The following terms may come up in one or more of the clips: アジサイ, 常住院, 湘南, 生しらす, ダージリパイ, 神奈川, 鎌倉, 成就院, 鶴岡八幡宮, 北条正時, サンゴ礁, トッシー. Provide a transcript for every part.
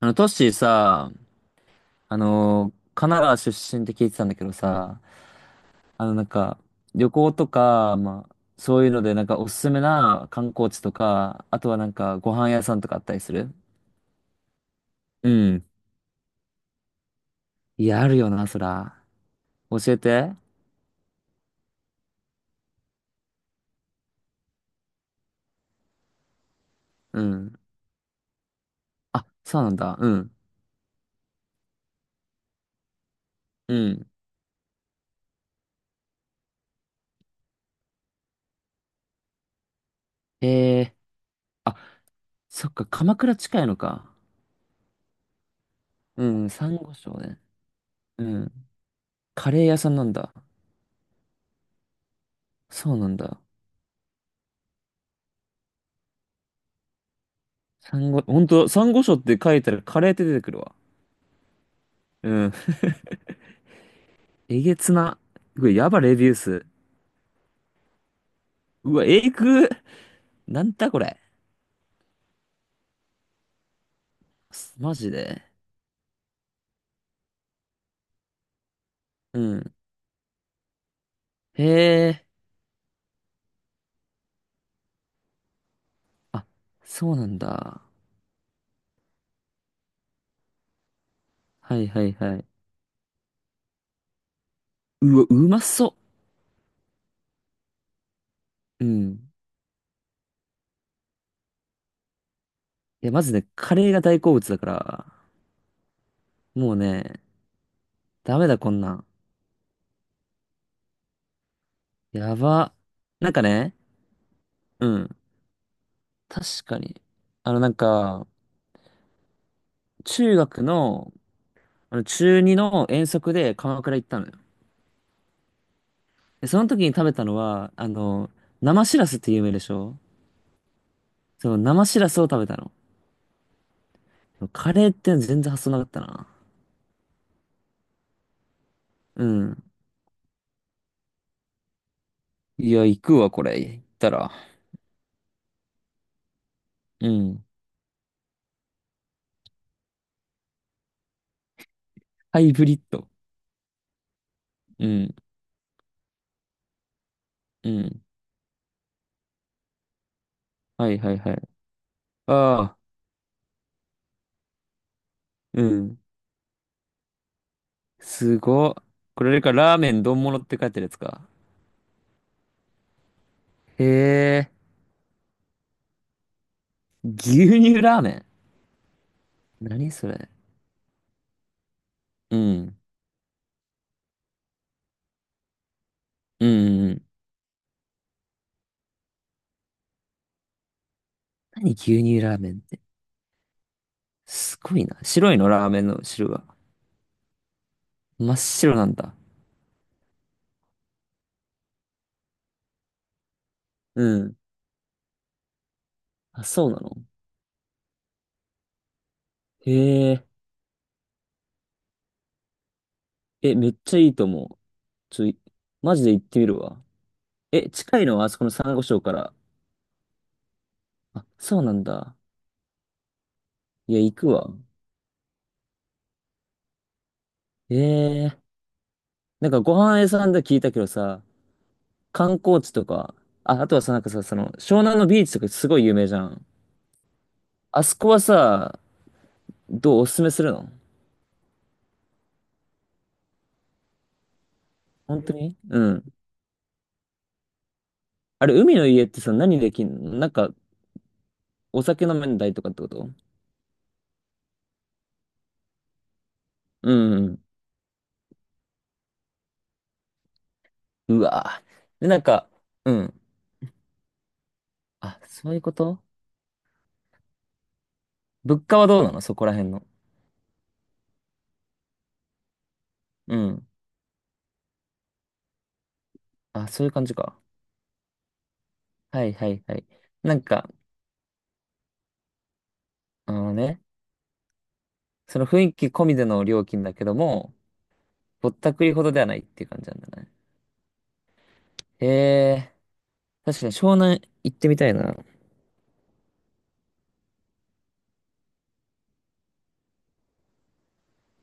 トッシーさ、神奈川出身って聞いてたんだけどさ、あの、なんか、旅行とか、まあ、そういうので、なんか、おすすめな観光地とか、あとはなんか、ご飯屋さんとかあったりする？うん。いや、あるよな、そら。教えて。うん。あ、そうなんだ。うん。うん。ええ。あ、そっか、鎌倉近いのか。うん、サンゴ礁ね。うん。カレー屋さんなんだ。そうなんだ。サンゴ、ほんと、サンゴ礁って書いたらカレーって出てくるわ。うん。えげつな。これやばレビュー数。うわ、えぐ。なんだこれ。マジで。うん。へえ。あ、そうなんだ。はいはいはい。うわ、うまそう。うん。いや、まずね、カレーが大好物だから、もうね、ダメだこんなん。やば。なんかね、うん。確かに。あの、なんか、中学の、あの、中2の遠足で鎌倉行ったのよ。で、その時に食べたのは、あの、生しらすって有名でしょ？そう、生しらすを食べたの。カレーって全然発想なかったな。うん。いや、行くわ、これ。行ったら。うん。ハイブリッド。うん。うん。はいはいはい。ああ、うん。すごっ。これか、ラーメン丼物って書いてるやつか。へえ。牛乳ラーメン。何それ。うん。うんうんうん。何牛乳ラーメンって。すごいな。白いの、ラーメンの汁は。真っ白なんだ。うん。あ、そうなの？へえ。え、めっちゃいいと思う。ちょい、マジで行ってみるわ。え、近いのはあそこの珊瑚礁から？あ、そうなんだ。いや、行くわ。ええ、なんかご飯屋さんで聞いたけどさ、観光地とか、あ、あとはさ、なんかさ、その、湘南のビーチとかすごい有名じゃん。あそこはさ、どうおすすめするの？本当に？うん。あれ、海の家ってさ、何できんの、なんか、お酒飲めんだりとかってこと？うんうん。うわぁ。で、なんか、うん。あ、そういうこと？物価はどうなのそこら辺の。うん。あ、そういう感じか。はいはいはい。なんか、あのね、その雰囲気込みでの料金だけども、ぼったくりほどではないっていう感じなんだね。へえ、確かに湘南行ってみたいな。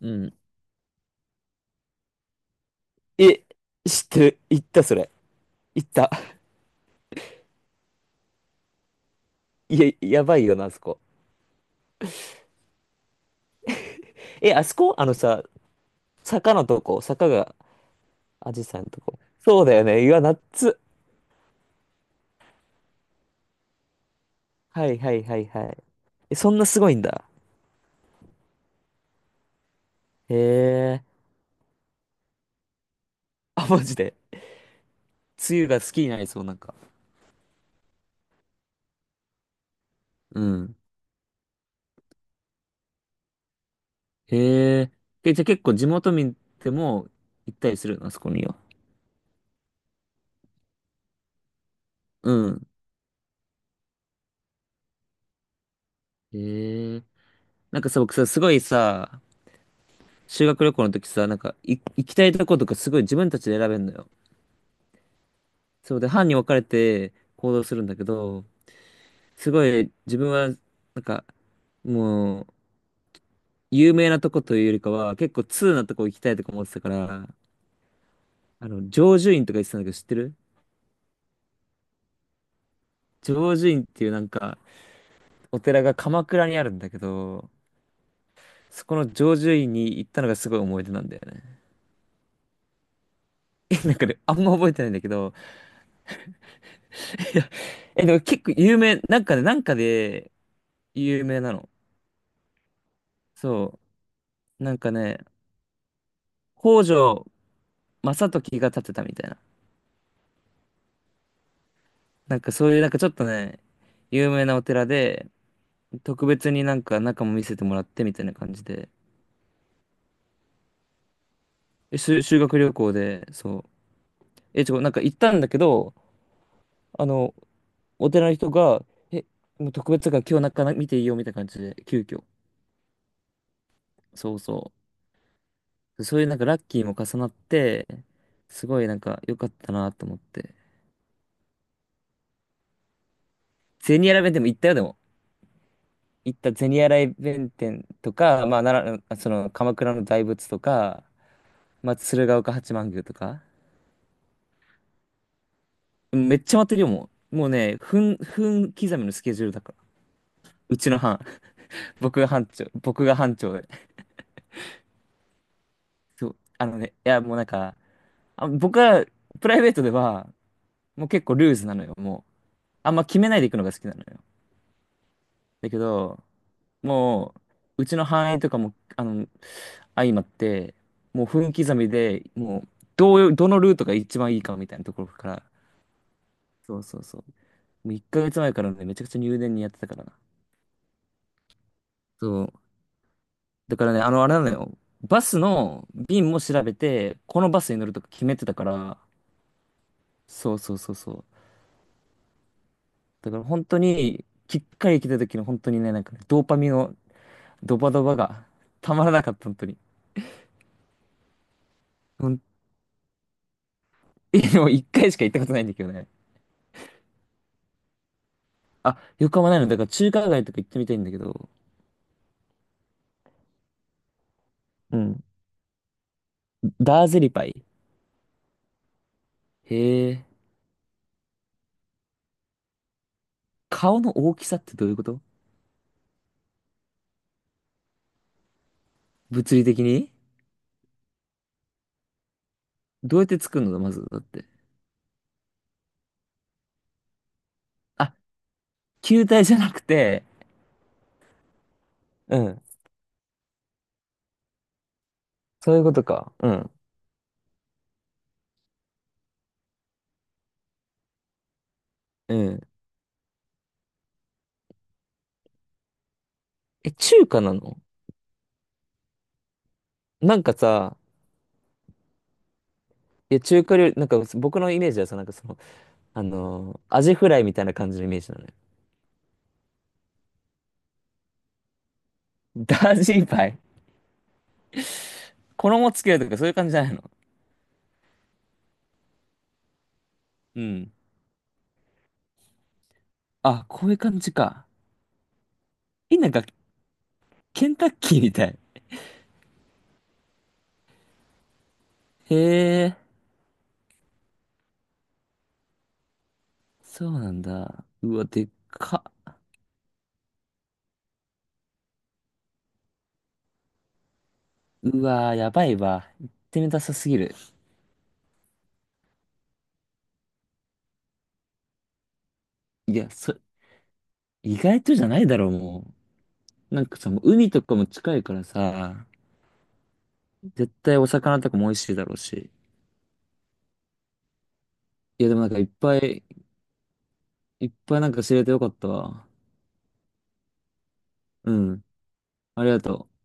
うん。え、知ってる？行った、それ。行った。いや、やばいよな、あそこ。え、あそこあのさ、坂のとこ、坂が、アジサイのとこ。そうだよね。うわ、夏。はいはいはいはい。え、そんなすごいんだ。へえ。あ、マジで。梅雨が好きになりそう、なんか。うん。へえ。え、じゃあ結構地元民でも行ったりするの、あそこには？うん。へえ。なんかさ、僕さ、すごいさ、修学旅行の時さ、なんか、行きたいとことかすごい自分たちで選べんのよ。そうで、班に分かれて行動するんだけど、すごい自分は、なんか、もう、有名なとこというよりかは、結構通なとこ行きたいとか思ってたから、あの、成就院とか言ってたんだけど、知ってる？成就院っていうなんか、お寺が鎌倉にあるんだけど、そこの常住院に行ったのがすごい思い出なんだよね。え、なんかね、あんま覚えてないんだけど、いや、え、でも結構有名、なんかね、なんかで有名なの。そう。なんかね、北条正時が建てたみたいな。なんかそういう、なんかちょっとね、有名なお寺で、特別になんか中も見せてもらってみたいな感じで、え、修学旅行で、そう。え、ちょ、なんか行ったんだけど、あの、お寺の人が、え、もう特別だから今日中見ていいよみたいな感じで、急遽。そうそう。そういうなんかラッキーも重なって、すごいなんか良かったなと思って。ゼニアラ弁店も行ったよ、でも。行った、ゼニアラ弁店とか、まあ、奈良、その鎌倉の大仏とか、まあ、鶴岡八幡宮とか。めっちゃ待ってるよ、もう。もうね、分刻みのスケジュールだから。うちの班。僕が班長。僕が班長で。そう。あのね、いや、もうなんか、あ、僕は、プライベートでは、もう結構ルーズなのよ、もう。あんま決めないで行くのが好きなのよ。だけど、もう、うちの範囲とかも、あの、相まって、もう分刻みで、もう、どのルートが一番いいかみたいなところから、そうそうそう。もう1ヶ月前からね、めちゃくちゃ入念にやってたからな。そう。だからね、あの、あれなのよ。バスの便も調べて、このバスに乗るとか決めてたから、そうそうそうそう。だから本当に、きっかり来た時の本当にね、なんかねドーパミンのドバドバがたまらなかった、本当に。ほん、もう1回しか行ったことないんだけどね。あ、横浜ないの。だから中華街とか行ってみたいんだけど。うん。ダーゼリパイ。へえ。顔の大きさってどういうこと？物理的に？どうやって作るのまず、だって。あ、球体じゃなくて、うん。そういうことか。うん。うん。え、中華なの？なんかさ、いや、中華料理、なんか僕のイメージはさ、なんかその、あのーアジフライみたいな感じのイメージなのよ。ダージリパイ。衣つけるとかそういう感じじゃないの？うん。あ、こういう感じか。え、なんか、ケンタッキーみたい。へえ、そうなんだ。うわ、でっか。うわ、やばいわ。行ってみたさすぎる。いや、そ、意外とじゃないだろう、もう。なんかさ、もう海とかも近いからさ、絶対お魚とかも美味しいだろうし。いや、でもなんかいっぱい、いっぱいなんか知れてよかったわ。うん。ありがとう。